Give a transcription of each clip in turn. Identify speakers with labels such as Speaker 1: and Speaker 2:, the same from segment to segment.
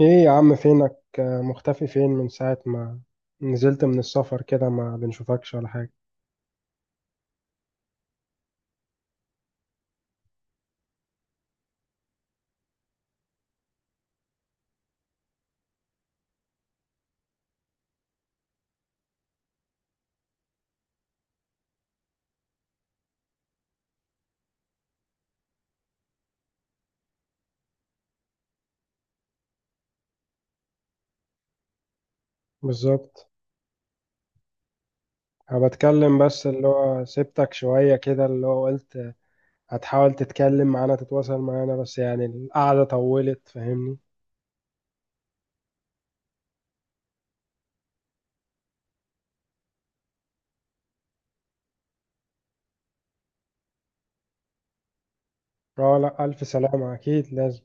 Speaker 1: ايه يا عم، فينك؟ مختفي فين من ساعة ما نزلت من السفر كده؟ ما بنشوفكش ولا حاجة. بالظبط. انا بتكلم بس اللي هو سبتك شوية كده، اللي هو قلت هتحاول تتكلم معانا، تتواصل معانا، بس يعني القعدة طولت، فاهمني. اه، لا، ألف سلامة، أكيد لازم.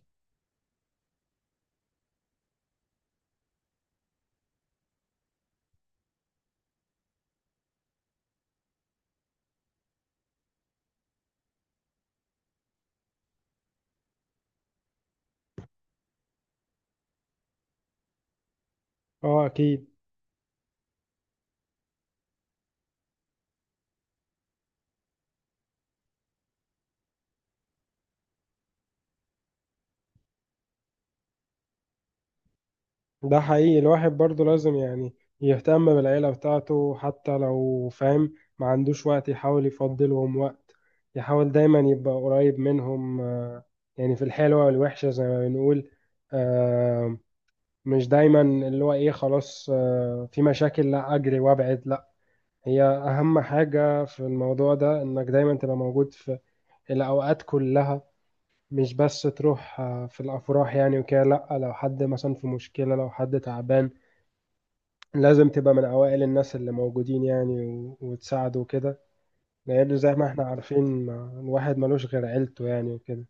Speaker 1: اه أكيد. ده حقيقي، الواحد برضه لازم يعني يهتم بالعيلة بتاعته، حتى لو فاهم ما عندوش وقت، يحاول يفضلهم وقت، يحاول دايما يبقى قريب منهم. يعني في الحلوة والوحشة زي ما بنقول. آه، مش دايما اللي هو ايه، خلاص في مشاكل لا اجري وابعد، لا. هي اهم حاجة في الموضوع ده، انك دايما تبقى موجود في الاوقات كلها. مش بس تروح في الافراح يعني وكده، لا، لو حد مثلا في مشكلة، لو حد تعبان، لازم تبقى من أوائل الناس اللي موجودين يعني وتساعده وكده. لأن زي ما احنا عارفين ما... الواحد ملوش غير عيلته يعني، وكده.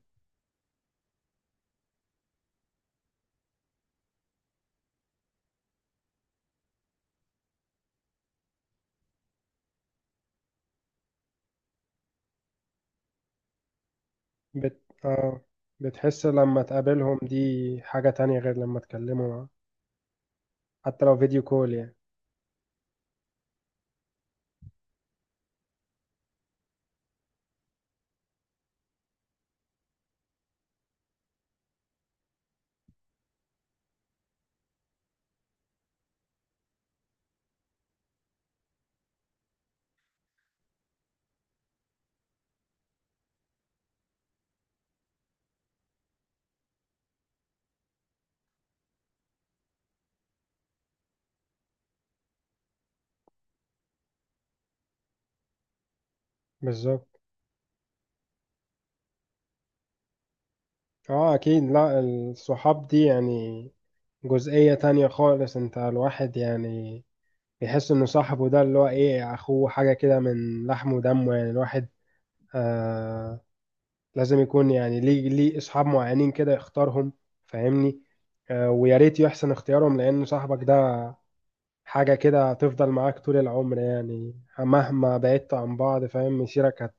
Speaker 1: بت... آه بتحس لما تقابلهم دي حاجة تانية غير لما تكلموا، حتى لو فيديو كول يعني. بالظبط. اه أكيد، لا الصحاب دي يعني جزئية تانية خالص. انت الواحد يعني يحس انه صاحبه ده اللي هو ايه، اخوه، حاجة كده من لحم ودمه يعني. الواحد آه لازم يكون يعني ليه اصحاب معينين كده يختارهم، فاهمني. ويا ريت يحسن اختيارهم، لان صاحبك ده حاجة كده هتفضل معاك طول العمر، يعني مهما بعدت عن بعض، فاهم، مسيرك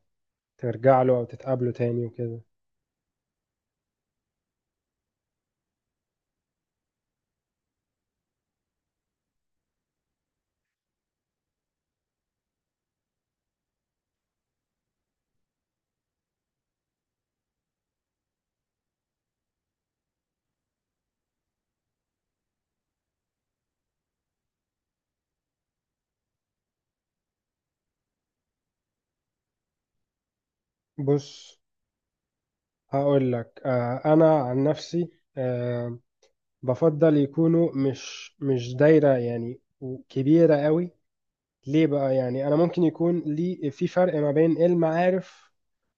Speaker 1: هترجع له او تتقابله تاني وكده. بص، هقول لك انا عن نفسي آه، بفضل يكونوا مش دايرة يعني كبيرة قوي. ليه بقى؟ يعني انا ممكن يكون لي في فرق ما بين المعارف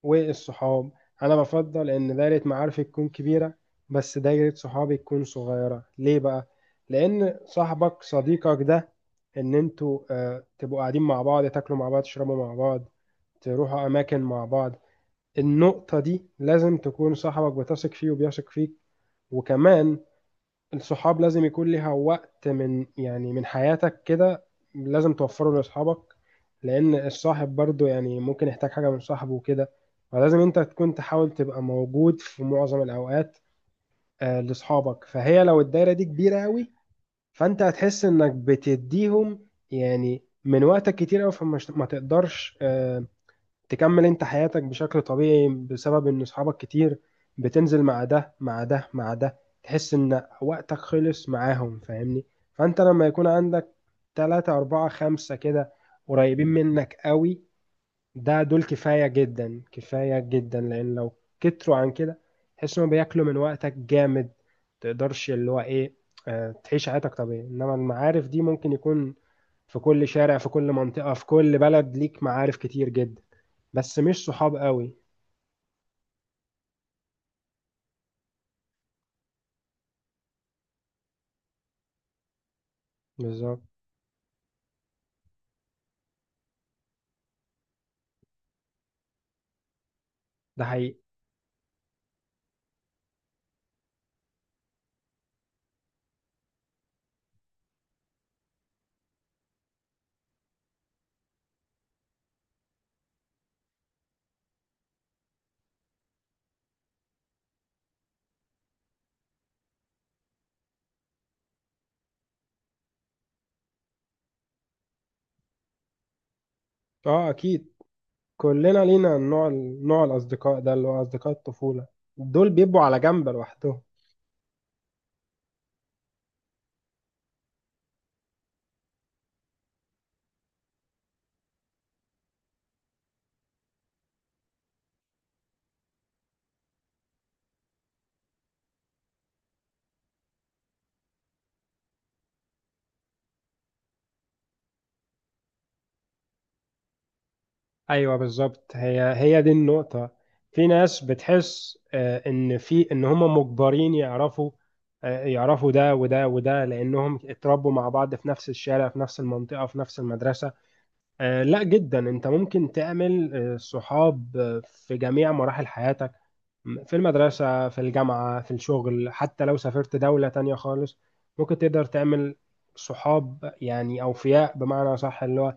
Speaker 1: والصحاب. انا بفضل ان دايرة معارفي تكون كبيرة، بس دايرة صحابي تكون صغيرة. ليه بقى؟ لان صاحبك صديقك ده، ان انتوا تبقوا قاعدين مع بعض، تاكلوا مع بعض، تشربوا مع بعض، تروحوا اماكن مع بعض. النقطة دي لازم تكون صاحبك بتثق فيه وبيثق فيك. وكمان الصحاب لازم يكون ليها وقت من يعني من حياتك كده، لازم توفره لاصحابك، لان الصاحب برضو يعني ممكن يحتاج حاجة من صاحبه وكده. فلازم انت تكون تحاول تبقى موجود في معظم الاوقات لاصحابك. فهي لو الدايرة دي كبيرة قوي، فانت هتحس انك بتديهم يعني من وقتك كتير قوي، فما ما تقدرش تكمل انت حياتك بشكل طبيعي بسبب ان اصحابك كتير. بتنزل مع ده مع ده مع ده، تحس ان وقتك خلص معاهم، فاهمني. فانت لما يكون عندك تلاتة اربعة خمسة كده قريبين منك قوي، ده دول كفاية جدا، كفاية جدا. لان لو كتروا عن كده تحس انهم بياكلوا من وقتك جامد، تقدرش اللي هو ايه، اه، تعيش حياتك طبيعي. انما المعارف دي ممكن يكون في كل شارع، في كل منطقة، في كل بلد ليك معارف كتير جدا، بس مش صحاب قوي. بالظبط. ده حقيقي. اه اكيد، كلنا لينا نوع، نوع الاصدقاء ده اللي هو اصدقاء الطفولة، دول بيبقوا على جنب لوحدهم. ايوه بالظبط، هي دي النقطة. في ناس بتحس ان في ان هم مجبرين يعرفوا يعرفوا ده وده وده، لانهم اتربوا مع بعض في نفس الشارع، في نفس المنطقة، في نفس المدرسة. لا جدا، انت ممكن تعمل صحاب في جميع مراحل حياتك، في المدرسة، في الجامعة، في الشغل، حتى لو سافرت دولة تانية خالص ممكن تقدر تعمل صحاب يعني أوفياء بمعنى صح، اللي هو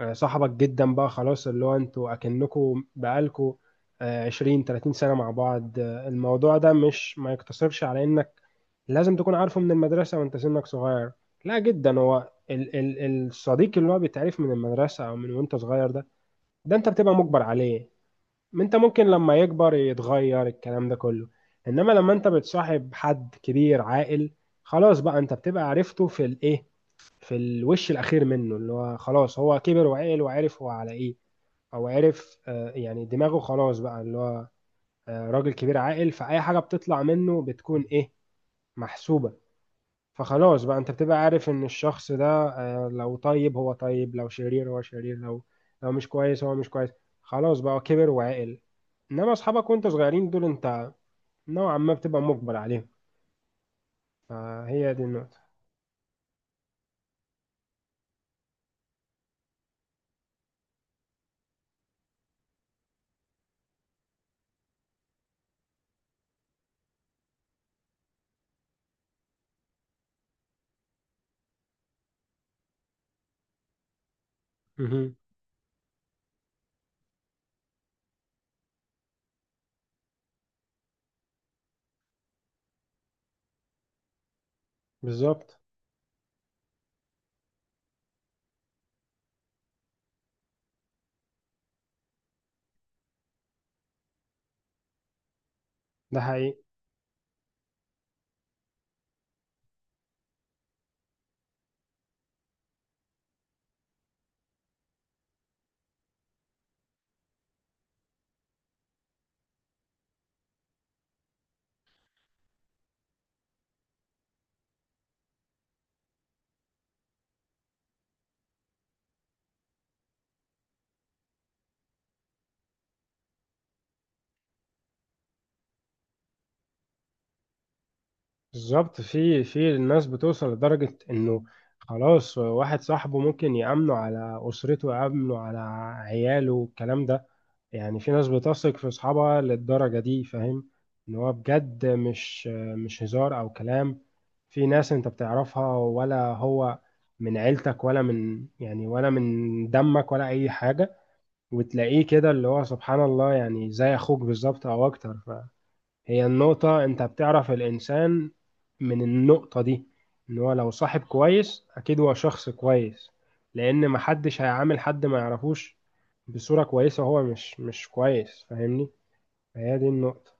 Speaker 1: صاحبك جدا بقى خلاص، اللي هو انتوا اكنكوا بقالكوا 20 30 سنة مع بعض. الموضوع ده مش ما يقتصرش على انك لازم تكون عارفه من المدرسة وانت سنك صغير، لا جدا. هو ال الصديق اللي هو بيتعرف من المدرسة او من وانت صغير ده، ده انت بتبقى مجبر عليه. انت ممكن لما يكبر يتغير الكلام ده كله. انما لما انت بتصاحب حد كبير عاقل، خلاص بقى انت بتبقى عرفته في الايه، في الوش الأخير منه، اللي هو خلاص هو كبر وعقل وعرف هو على إيه، أو عرف يعني دماغه خلاص بقى اللي هو راجل كبير عاقل، فأي حاجة بتطلع منه بتكون إيه، محسوبة. فخلاص بقى أنت بتبقى عارف إن الشخص ده لو طيب هو طيب، لو شرير هو شرير، لو مش كويس هو مش كويس، خلاص بقى هو كبر وعقل. إنما أصحابك وأنت صغيرين دول، أنت نوعا ما بتبقى مجبر عليهم. فهي دي النقطة. مهم. بالظبط. ده حقيقي. بالظبط. في الناس بتوصل لدرجة انه خلاص، واحد صاحبه ممكن يأمنه على أسرته، يأمنه على عياله والكلام ده. يعني في ناس بتثق في أصحابها للدرجة دي، فاهم؟ ان هو بجد مش هزار أو كلام. في ناس انت بتعرفها ولا هو من عيلتك ولا من يعني، ولا من دمك ولا أي حاجة، وتلاقيه كده اللي هو سبحان الله يعني زي أخوك بالظبط أو أكتر. هي النقطة، انت بتعرف الانسان من النقطة دي، ان هو لو صاحب كويس اكيد هو شخص كويس، لان محدش هيعامل حد ما يعرفوش بصورة كويسة وهو مش كويس، فاهمني. فهي دي النقطة.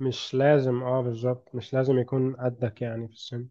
Speaker 1: مش لازم، اه بالظبط مش لازم يكون قدك يعني في السن.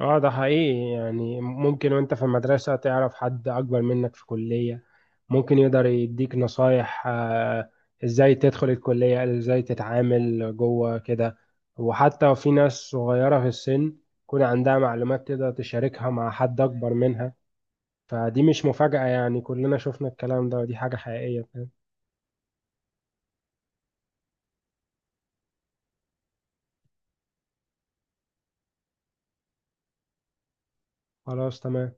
Speaker 1: اه ده حقيقي، يعني ممكن وانت في المدرسة تعرف حد اكبر منك في كلية، ممكن يقدر يديك نصايح ازاي تدخل الكلية، ازاي تتعامل جوه كده. وحتى في ناس صغيرة في السن يكون عندها معلومات تقدر تشاركها مع حد اكبر منها. فدي مش مفاجأة، يعني كلنا شفنا الكلام ده، ودي حاجة حقيقية، فاهم؟ خلاص تمام.